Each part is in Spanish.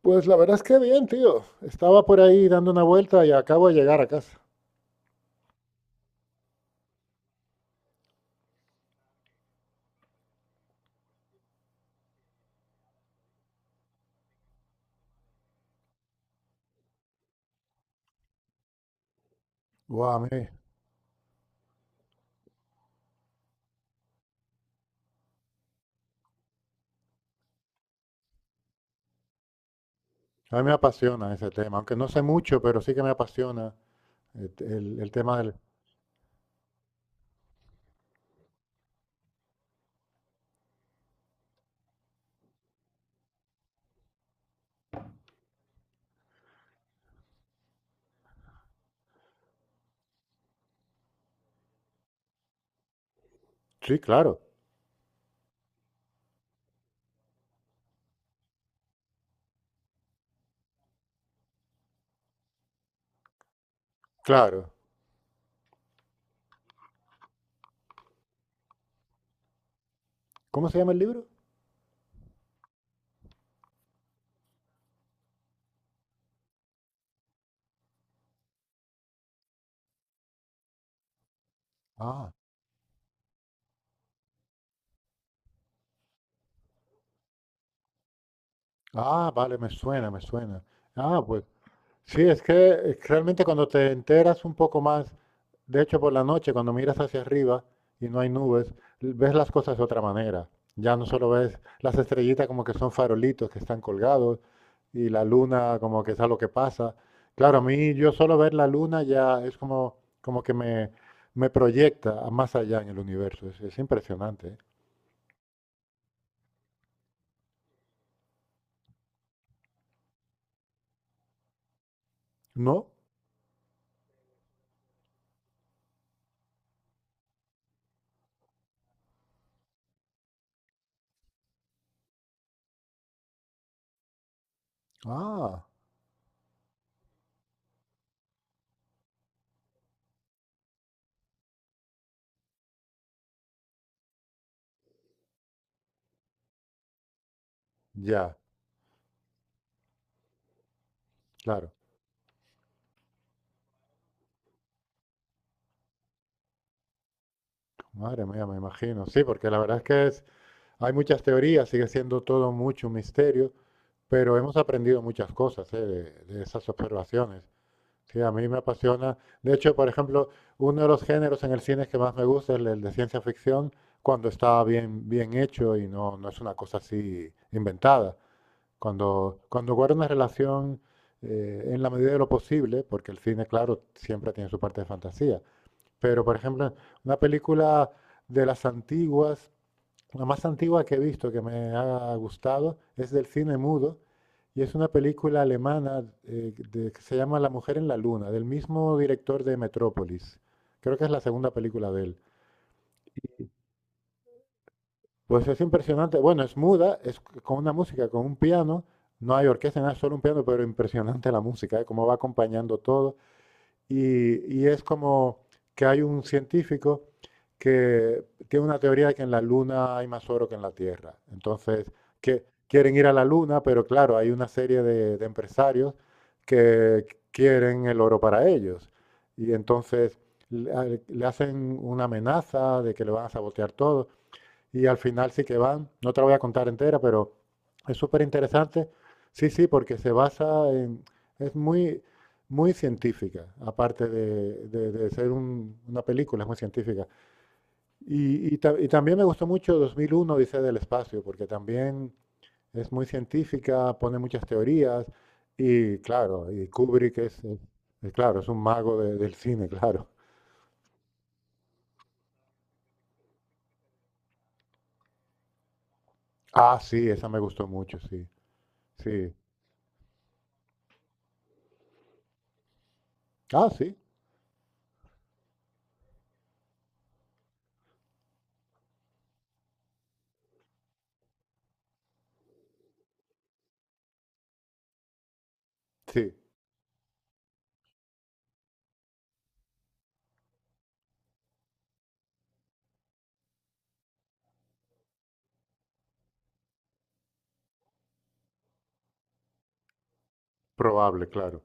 Pues la verdad es que bien, tío. Estaba por ahí dando una vuelta y acabo de llegar a casa. Guau, a mí me apasiona ese tema, aunque no sé mucho, pero sí que me apasiona el tema del. Sí, claro, claro. ¿Cómo se llama el libro? Ah, ah, vale, me suena, me suena. Ah, pues sí, es que realmente cuando te enteras un poco más, de hecho por la noche, cuando miras hacia arriba y no hay nubes, ves las cosas de otra manera. Ya no solo ves las estrellitas como que son farolitos que están colgados y la luna como que es algo que pasa. Claro, a mí yo solo ver la luna ya es como, como que me proyecta a más allá en el universo. Es impresionante, ¿eh? ¿No? Ah, ya, claro. Madre mía, me imagino. Sí, porque la verdad hay muchas teorías, sigue siendo todo mucho un misterio, pero hemos aprendido muchas cosas, ¿eh? de esas observaciones. Sí, a mí me apasiona. De hecho, por ejemplo, uno de los géneros en el cine que más me gusta es el de ciencia ficción, cuando está bien, bien hecho y no es una cosa así inventada. Cuando guarda una relación en la medida de lo posible, porque el cine, claro, siempre tiene su parte de fantasía. Pero, por ejemplo, una película de las antiguas la más antigua que he visto que me ha gustado es del cine mudo y es una película alemana que se llama La mujer en la Luna, del mismo director de Metrópolis. Creo que es la segunda película de él. Pues es impresionante. Bueno, es muda, es con una música, con un piano. No hay orquesta, nada, es solo un piano, pero impresionante la música, ¿eh? Cómo va acompañando todo. Y es como que hay un científico que tiene una teoría de que en la Luna hay más oro que en la Tierra. Entonces, que quieren ir a la Luna, pero claro, hay una serie de empresarios que quieren el oro para ellos. Y entonces le hacen una amenaza de que le van a sabotear todo y al final sí que van. No te la voy a contar entera, pero es súper interesante. Sí, sí, porque se basa en. Es muy, muy científica, aparte de ser una película, es muy científica. Y también me gustó mucho 2001 dice del espacio, porque también es muy científica, pone muchas teorías y claro, y Kubrick es claro, es un mago del cine, claro. Ah, sí, esa me gustó mucho, sí, sí. Ah, sí, sí, probable, claro.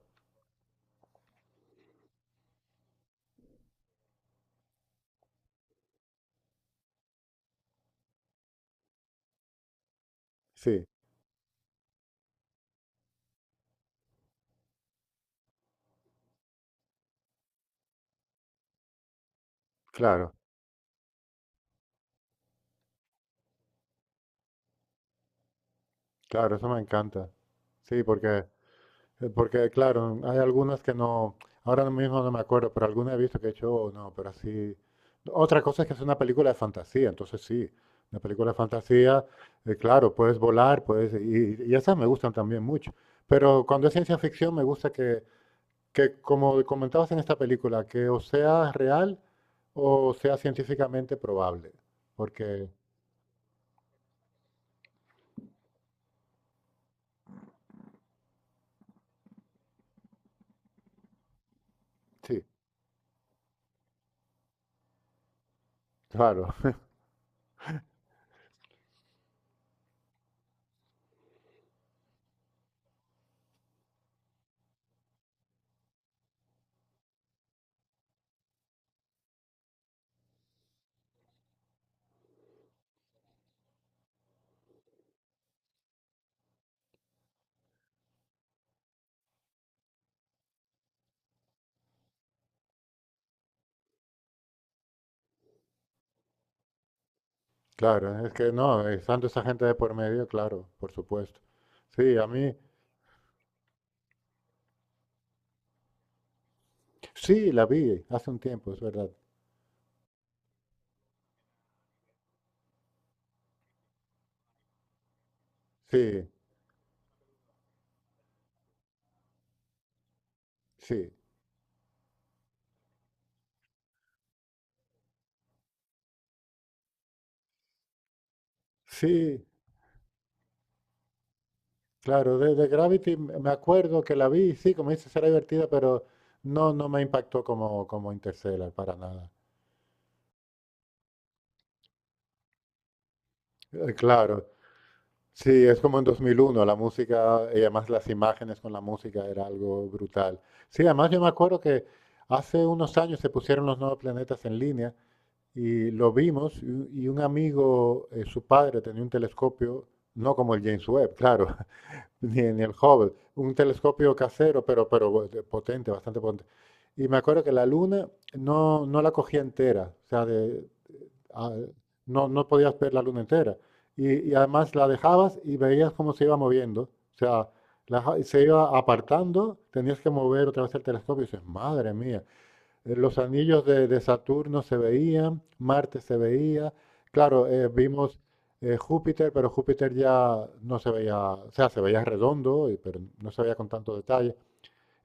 Sí, claro, claro, eso me encanta. Sí, porque claro, hay algunas que no, ahora mismo no me acuerdo, pero alguna he visto que he hecho, "Oh, no", pero así. Otra cosa es que es una película de fantasía, entonces sí, una película de fantasía, claro, puedes volar, puedes, y esas me gustan también mucho. Pero cuando es ciencia ficción me gusta que, como comentabas en esta película, que o sea real o sea científicamente probable. Porque, sí, claro. Claro, es que no, estando esa gente de por medio, claro, por supuesto. Sí, a mí, sí, la vi hace un tiempo, es verdad. Sí, sí, sí, claro, de Gravity me acuerdo que la vi, sí, como dices, era divertida, pero no, no me impactó como Interstellar para nada. Claro, sí, es como en 2001, la música y además las imágenes con la música era algo brutal. Sí, además yo me acuerdo que hace unos años se pusieron los nuevos planetas en línea. Y lo vimos y un amigo, su padre tenía un telescopio, no como el James Webb, claro, ni el Hubble, un telescopio casero, pero potente, bastante potente. Y me acuerdo que la luna no la cogía entera, o sea, a- no podías ver la luna entera. Y además la dejabas y veías cómo se iba moviendo, o sea, se iba apartando, tenías que mover otra vez el telescopio y dices, madre mía, los anillos de Saturno se veían, Marte se veía. Claro, vimos Júpiter, pero Júpiter ya no se veía, o sea, se veía redondo, pero no se veía con tanto detalle.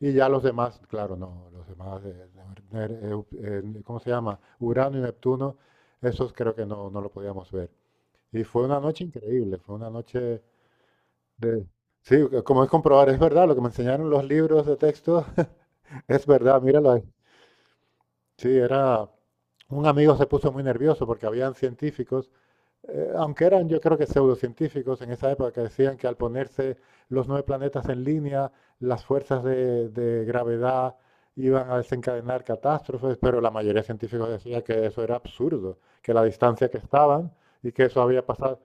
Y ya los demás, claro, no, los demás, Ner- eh, ¿cómo se llama? Urano y Neptuno, esos creo que no lo podíamos ver. Y fue una noche increíble, fue una noche de. Sí, como es comprobar, es verdad, lo que me enseñaron los libros de texto, es verdad, míralo ahí. Sí, era. Un amigo se puso muy nervioso porque habían científicos, aunque eran yo creo que pseudocientíficos en esa época, que decían que al ponerse los nueve planetas en línea, las fuerzas de gravedad iban a desencadenar catástrofes, pero la mayoría de científicos decía que eso era absurdo, que la distancia que estaban y que eso había pasado.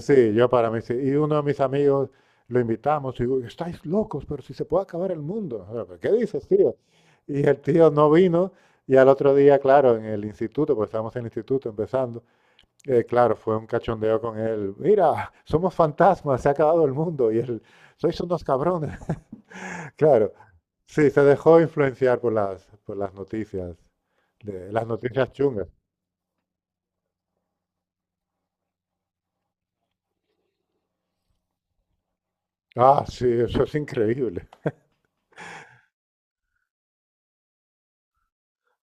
Sí, yo para mí sí. Y uno de mis amigos lo invitamos y digo, estáis locos, pero si se puede acabar el mundo. Ah, "¿Pero qué dices, tío?" Y el tío no vino y al otro día, claro, en el instituto, porque estábamos en el instituto empezando, claro, fue un cachondeo con él. Mira, somos fantasmas, se ha acabado el mundo y él, sois unos cabrones. Claro, sí, se dejó influenciar por las noticias, las noticias chungas. Ah, sí, eso es increíble.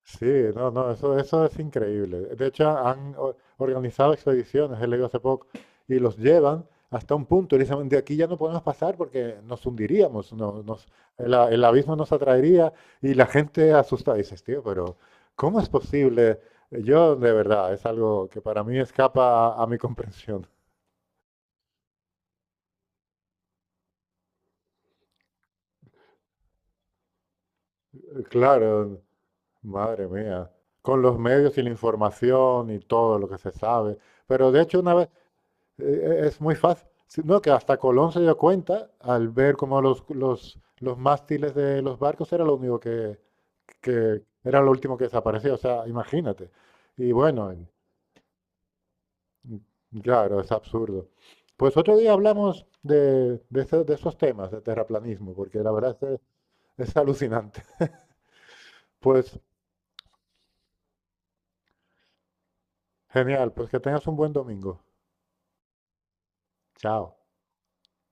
Sí, no, no, eso es increíble. De hecho, han organizado expediciones, he leído hace poco, y los llevan hasta un punto y dicen, de aquí ya no podemos pasar porque nos hundiríamos, el abismo nos atraería y la gente asustada. Dices, tío, pero ¿cómo es posible? Yo, de verdad, es algo que para mí escapa a mi comprensión. Claro, madre mía, con los medios y la información y todo lo que se sabe. Pero de hecho, una vez. Es muy fácil. No, que hasta Colón se dio cuenta al ver cómo los mástiles de los barcos era lo único que era lo último que desaparecía. O sea, imagínate. Y bueno, claro, es absurdo. Pues otro día hablamos de esos temas de terraplanismo, porque la verdad es que es alucinante. Pues genial, pues que tengas un buen domingo. Chao.